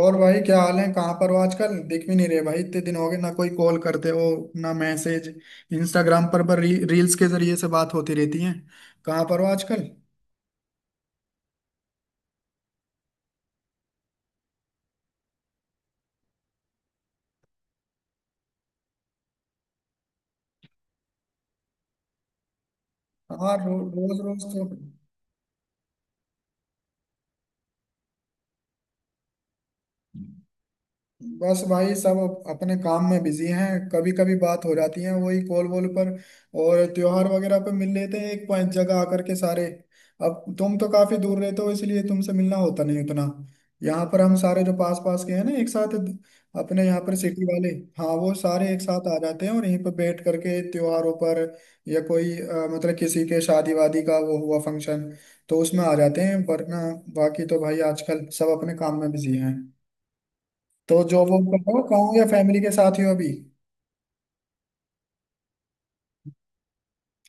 और भाई क्या हाल है? कहाँ पर हो आजकल? दिख भी नहीं रहे भाई, इतने दिन हो गए ना। कोई कॉल करते हो ना मैसेज। इंस्टाग्राम पर रील्स के जरिए से बात होती रहती है। कहाँ पर हो आजकल? हाँ, रोज रोज तो बस भाई सब अपने काम में बिजी हैं। कभी कभी बात हो जाती है वही कॉल वॉल पर। और त्योहार वगैरह पे मिल लेते हैं एक पॉइंट जगह आकर के सारे। अब तुम तो काफी दूर रहते हो, इसलिए तुमसे मिलना होता नहीं उतना। यहाँ पर हम सारे जो पास पास के हैं ना एक साथ, अपने यहाँ पर सिटी वाले। हाँ, वो सारे एक साथ आ जाते हैं और यहीं पर बैठ करके त्योहारों पर। या कोई मतलब किसी के शादी वादी का वो हुआ फंक्शन, तो उसमें आ जाते हैं। वरना बाकी तो भाई आजकल सब अपने काम में बिजी हैं। तो जॉब वॉब कर रहे हो गाँव, या फैमिली के साथ ही हो अभी?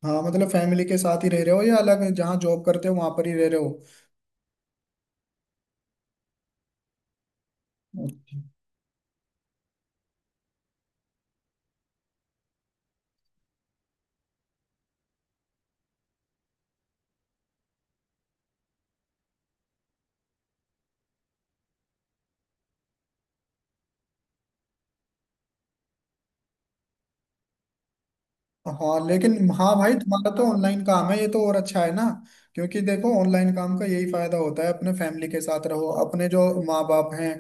हाँ मतलब फैमिली के साथ ही रह रहे हो, या अलग जहाँ जॉब करते हो वहां पर ही रह रहे हो? हाँ लेकिन हाँ भाई तुम्हारा तो ऑनलाइन काम है, ये तो और अच्छा है ना। क्योंकि देखो ऑनलाइन काम का यही फायदा होता है, अपने फैमिली के साथ रहो, अपने जो माँ बाप हैं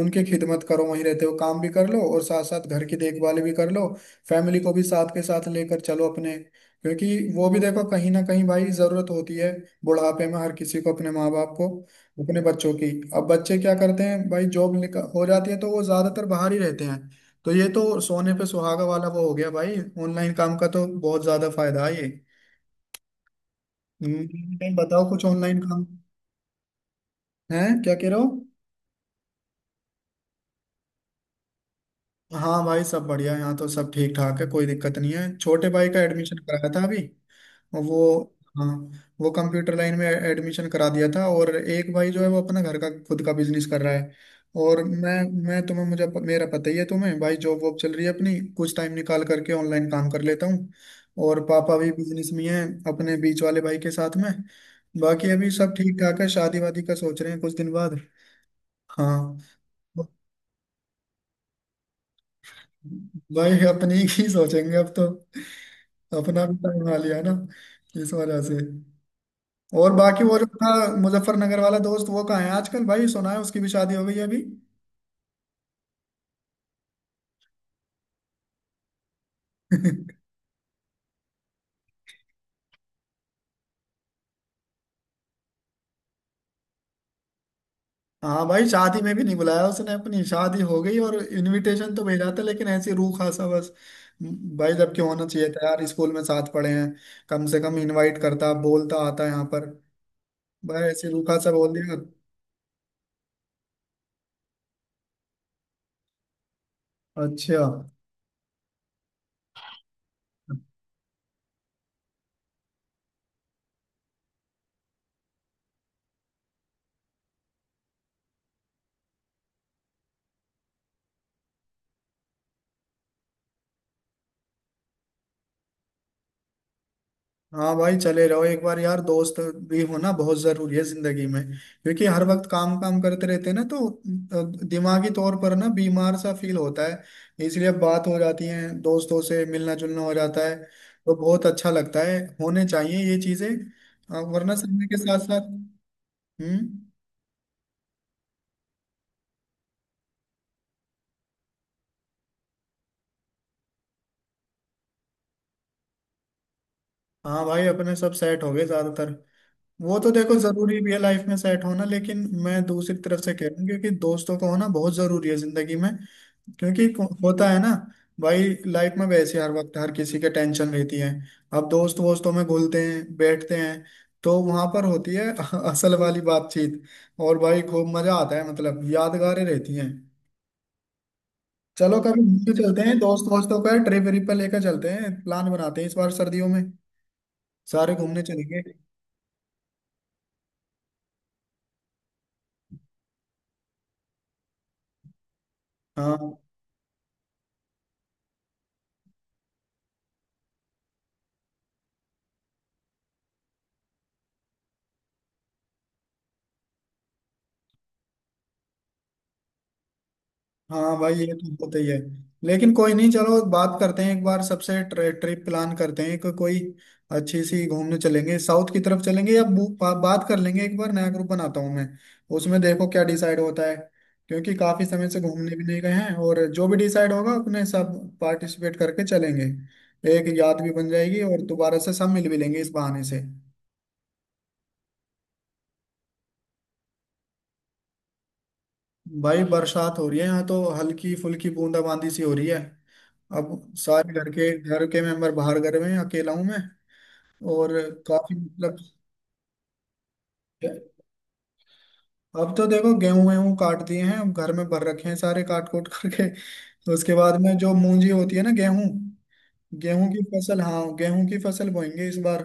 उनकी खिदमत करो, वहीं रहते हो, काम भी कर लो और साथ साथ घर की देखभाल भी कर लो। फैमिली को भी साथ के साथ लेकर चलो अपने। क्योंकि वो भी देखो कहीं ना कहीं भाई जरूरत होती है बुढ़ापे में हर किसी को अपने माँ बाप को, अपने बच्चों की। अब बच्चे क्या करते हैं भाई? जॉब निकल हो जाती है तो वो ज्यादातर बाहर ही रहते हैं। तो ये तो सोने पे सुहागा वाला वो हो गया भाई। ऑनलाइन काम का तो बहुत ज्यादा फायदा है ये। हम्म। टाइम बताओ, कुछ ऑनलाइन काम है क्या, कह रहे हो? हाँ भाई सब बढ़िया, यहाँ तो सब ठीक ठाक है, कोई दिक्कत नहीं है। छोटे भाई का एडमिशन कराया था अभी वो, हाँ, वो कंप्यूटर लाइन में एडमिशन करा दिया था। और एक भाई जो है वो अपना घर का खुद का बिजनेस कर रहा है। और मैं तुम्हें मुझे, मेरा पता ही है तुम्हें भाई, जॉब वॉब चल रही है अपनी, कुछ टाइम निकाल करके ऑनलाइन काम कर लेता हूँ। और पापा भी बिजनेस में हैं, अपने बीच वाले भाई के साथ में। बाकी अभी सब ठीक ठाक है। शादी वादी का सोच रहे हैं कुछ दिन बाद। हाँ भाई अपनी ही सोचेंगे अब तो, अपना भी टाइम आ लिया ना, इस वजह से। और बाकी वो जो था मुजफ्फरनगर वाला दोस्त, वो कहाँ है आजकल भाई? सुना है उसकी भी शादी हो गई है अभी। हाँ भाई, शादी में भी नहीं बुलाया उसने, अपनी शादी हो गई। और इनविटेशन तो भेजा था लेकिन ऐसी रूह खासा बस भाई, जबकि होना चाहिए था यार, स्कूल में साथ पढ़े हैं। कम से कम इनवाइट करता, बोलता आता यहाँ पर। भाई ऐसे रूखा सा बोल दिया। अच्छा। हाँ भाई चले रहो एक बार, यार दोस्त भी होना बहुत जरूरी है जिंदगी में। क्योंकि हर वक्त काम काम करते रहते हैं ना तो दिमागी तौर पर ना बीमार सा फील होता है। इसलिए अब बात हो जाती है, दोस्तों से मिलना जुलना हो जाता है तो बहुत अच्छा लगता है। होने चाहिए ये चीजें, वरना समय के साथ साथ। हम्म। हाँ भाई अपने सब सेट हो गए ज्यादातर। वो तो देखो जरूरी भी है लाइफ में सेट होना, लेकिन मैं दूसरी तरफ से कह रहा हूँ क्योंकि दोस्तों का होना बहुत जरूरी है जिंदगी में। क्योंकि होता है ना भाई, लाइफ में वैसे हर वक्त हर किसी के टेंशन रहती है। अब दोस्त वोस्तों में घुलते हैं बैठते हैं तो वहां पर होती है असल वाली बातचीत। और भाई खूब मजा आता है, मतलब यादगारें रहती हैं। चलो कभी घूमने चलते हैं, दोस्त वोस्तों का ट्रिप व्रिप पर लेकर चलते हैं। प्लान बनाते हैं इस बार सर्दियों में, सारे घूमने चलेंगे। हाँ हाँ भाई ये तो होता ही है। लेकिन कोई नहीं, चलो बात करते हैं एक बार सबसे, ट्रिप प्लान करते हैं, कोई अच्छी सी घूमने चलेंगे, साउथ की तरफ चलेंगे, या बात कर लेंगे एक बार, नया ग्रुप बनाता हूँ मैं उसमें, देखो क्या डिसाइड होता है। क्योंकि काफी समय से घूमने भी नहीं गए हैं। और जो भी डिसाइड होगा अपने सब पार्टिसिपेट करके चलेंगे, एक याद भी बन जाएगी और दोबारा से सब मिल भी लेंगे इस बहाने से। भाई बरसात हो रही है यहाँ तो, हल्की फुल्की बूंदाबांदी सी हो रही है। अब सारे घर के मेंबर बाहर, घर में अकेला हूँ मैं। और काफी मतलब, अब तो देखो गेहूं वेहूं काट दिए हैं, अब घर में भर रखे हैं सारे काट कूट करके। तो उसके बाद में जो मूंजी होती है ना, गेहूं गेहूं की फसल हाँ गेहूं की फसल बोएंगे इस बार।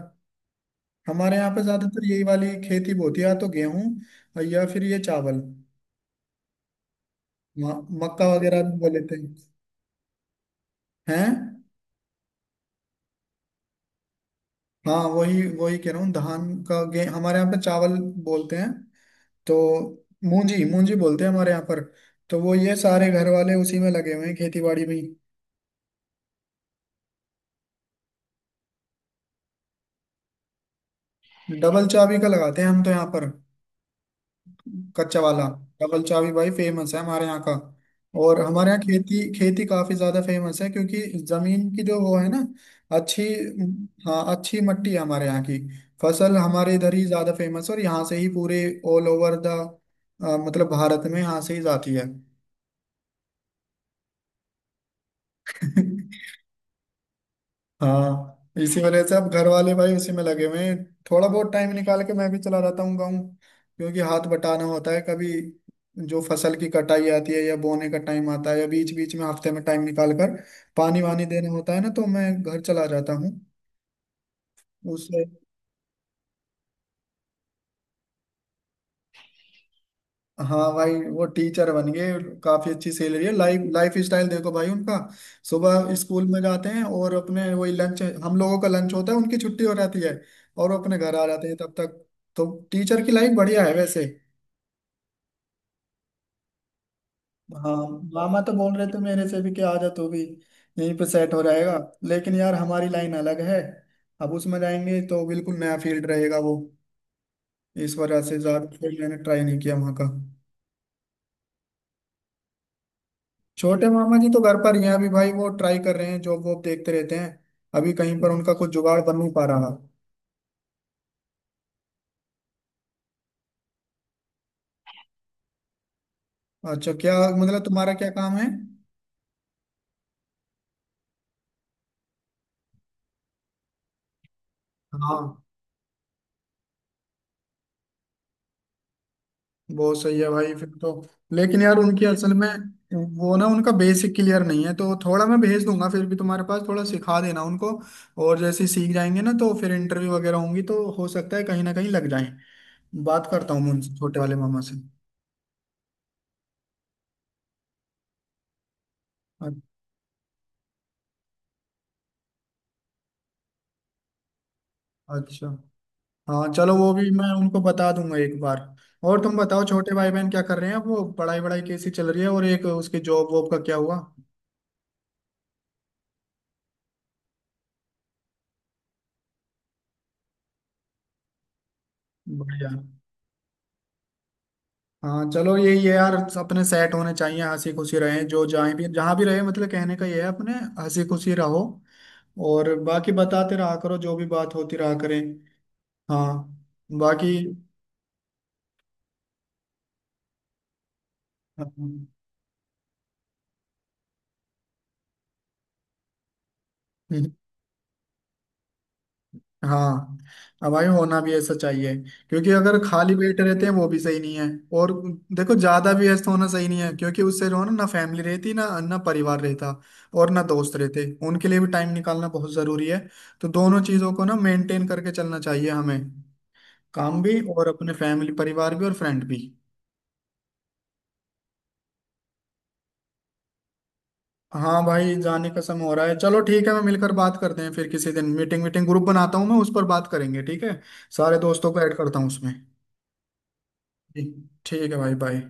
हमारे यहाँ पे ज्यादातर यही वाली खेती होती है, या तो गेहूं या फिर ये चावल। म- मक्का वगैरह भी बोले थे। हैं? हाँ वही वही कह रहा हूँ, धान का गे, हमारे यहाँ पे चावल बोलते हैं। तो मूंजी मूंजी बोलते हैं हमारे यहाँ पर। तो वो ये सारे घर वाले उसी में लगे हुए हैं, खेती बाड़ी में ही। डबल चाबी का लगाते हैं हम तो यहाँ पर, कच्चा वाला। डबल चाबी भाई फेमस है हमारे यहाँ का। और हमारे यहाँ खेती खेती काफी ज्यादा फेमस है, क्योंकि जमीन की जो वो है ना, अच्छी। हाँ अच्छी मट्टी है हमारे यहाँ की। फसल हमारे इधर ही ज्यादा फेमस है, और यहाँ से ही पूरे ऑल ओवर द, मतलब भारत में यहाँ से ही जाती है। हाँ इसी वजह से अब घर वाले भाई उसी में लगे हुए हैं। थोड़ा बहुत टाइम निकाल के मैं भी चला जाता हूँ गाँव, क्योंकि हाथ बटाना होता है कभी। जो फसल की कटाई आती है, या बोने का टाइम आता है, या बीच बीच में हफ्ते में टाइम निकाल कर पानी वानी देना होता है ना, तो मैं घर चला जाता हूँ। उससे, हाँ भाई वो टीचर बन गए। काफी अच्छी सैलरी है, लाइफ लाइफ स्टाइल देखो भाई उनका। सुबह स्कूल में जाते हैं और अपने वही लंच, हम लोगों का लंच होता है उनकी छुट्टी हो जाती है। और वो अपने घर आ जाते हैं तब तक। तो टीचर की लाइफ बढ़िया है वैसे। हाँ मामा तो बोल रहे थे मेरे से भी कि आ जा तू भी, यहीं पे सेट हो जाएगा। लेकिन यार हमारी लाइन अलग है। अब उसमें जाएंगे तो बिल्कुल नया फील्ड रहेगा वो, इस वजह से ज्यादा फिर मैंने ट्राई नहीं किया वहाँ का। छोटे मामा जी तो घर पर ही हैं अभी भाई, वो ट्राई कर रहे हैं, जॉब वॉब देखते रहते हैं। अभी कहीं पर उनका कुछ जुगाड़ बन नहीं पा रहा। अच्छा क्या? मतलब तुम्हारा क्या काम है? हाँ बहुत सही है भाई फिर तो। लेकिन यार उनकी असल में वो ना, उनका बेसिक क्लियर नहीं है। तो थोड़ा मैं भेज दूंगा फिर भी तुम्हारे पास, थोड़ा सिखा देना उनको। और जैसे ही सीख जाएंगे ना तो फिर इंटरव्यू वगैरह होंगी तो हो सकता है कहीं ना कहीं लग जाए। बात करता हूँ मैं उनसे, छोटे वाले मामा से। अ- अच्छा, हाँ चलो, वो भी मैं उनको बता दूंगा एक बार। और तुम बताओ छोटे भाई बहन क्या कर रहे हैं अब, वो पढ़ाई वढ़ाई कैसी चल रही है, और एक उसके जॉब वॉब का क्या हुआ? बढ़िया। हाँ चलो यही है यार, अपने सेट होने चाहिए, हंसी खुशी रहे जो जहाँ भी रहे। मतलब कहने का ये है अपने हंसी खुशी रहो। और बाकी बताते रहा करो, जो भी बात होती रहा करें। हाँ। बाकी, हम्म, हाँ। अब भाई होना भी ऐसा चाहिए, क्योंकि अगर खाली पेट रहते हैं वो भी सही नहीं है। और देखो ज्यादा भी व्यस्त होना सही नहीं है, क्योंकि उससे जो है ना ना फैमिली रहती ना ना परिवार रहता, और ना दोस्त रहते। उनके लिए भी टाइम निकालना बहुत जरूरी है। तो दोनों चीजों को ना मेंटेन करके चलना चाहिए हमें, काम भी और अपने फैमिली परिवार भी और फ्रेंड भी। हाँ भाई जाने का समय हो रहा है, चलो ठीक है, मैं मिलकर बात करते हैं फिर किसी दिन। मीटिंग मीटिंग ग्रुप बनाता हूँ मैं, उस पर बात करेंगे, ठीक है? सारे दोस्तों को ऐड करता हूँ उसमें। ठीक, ठीक है भाई, बाय।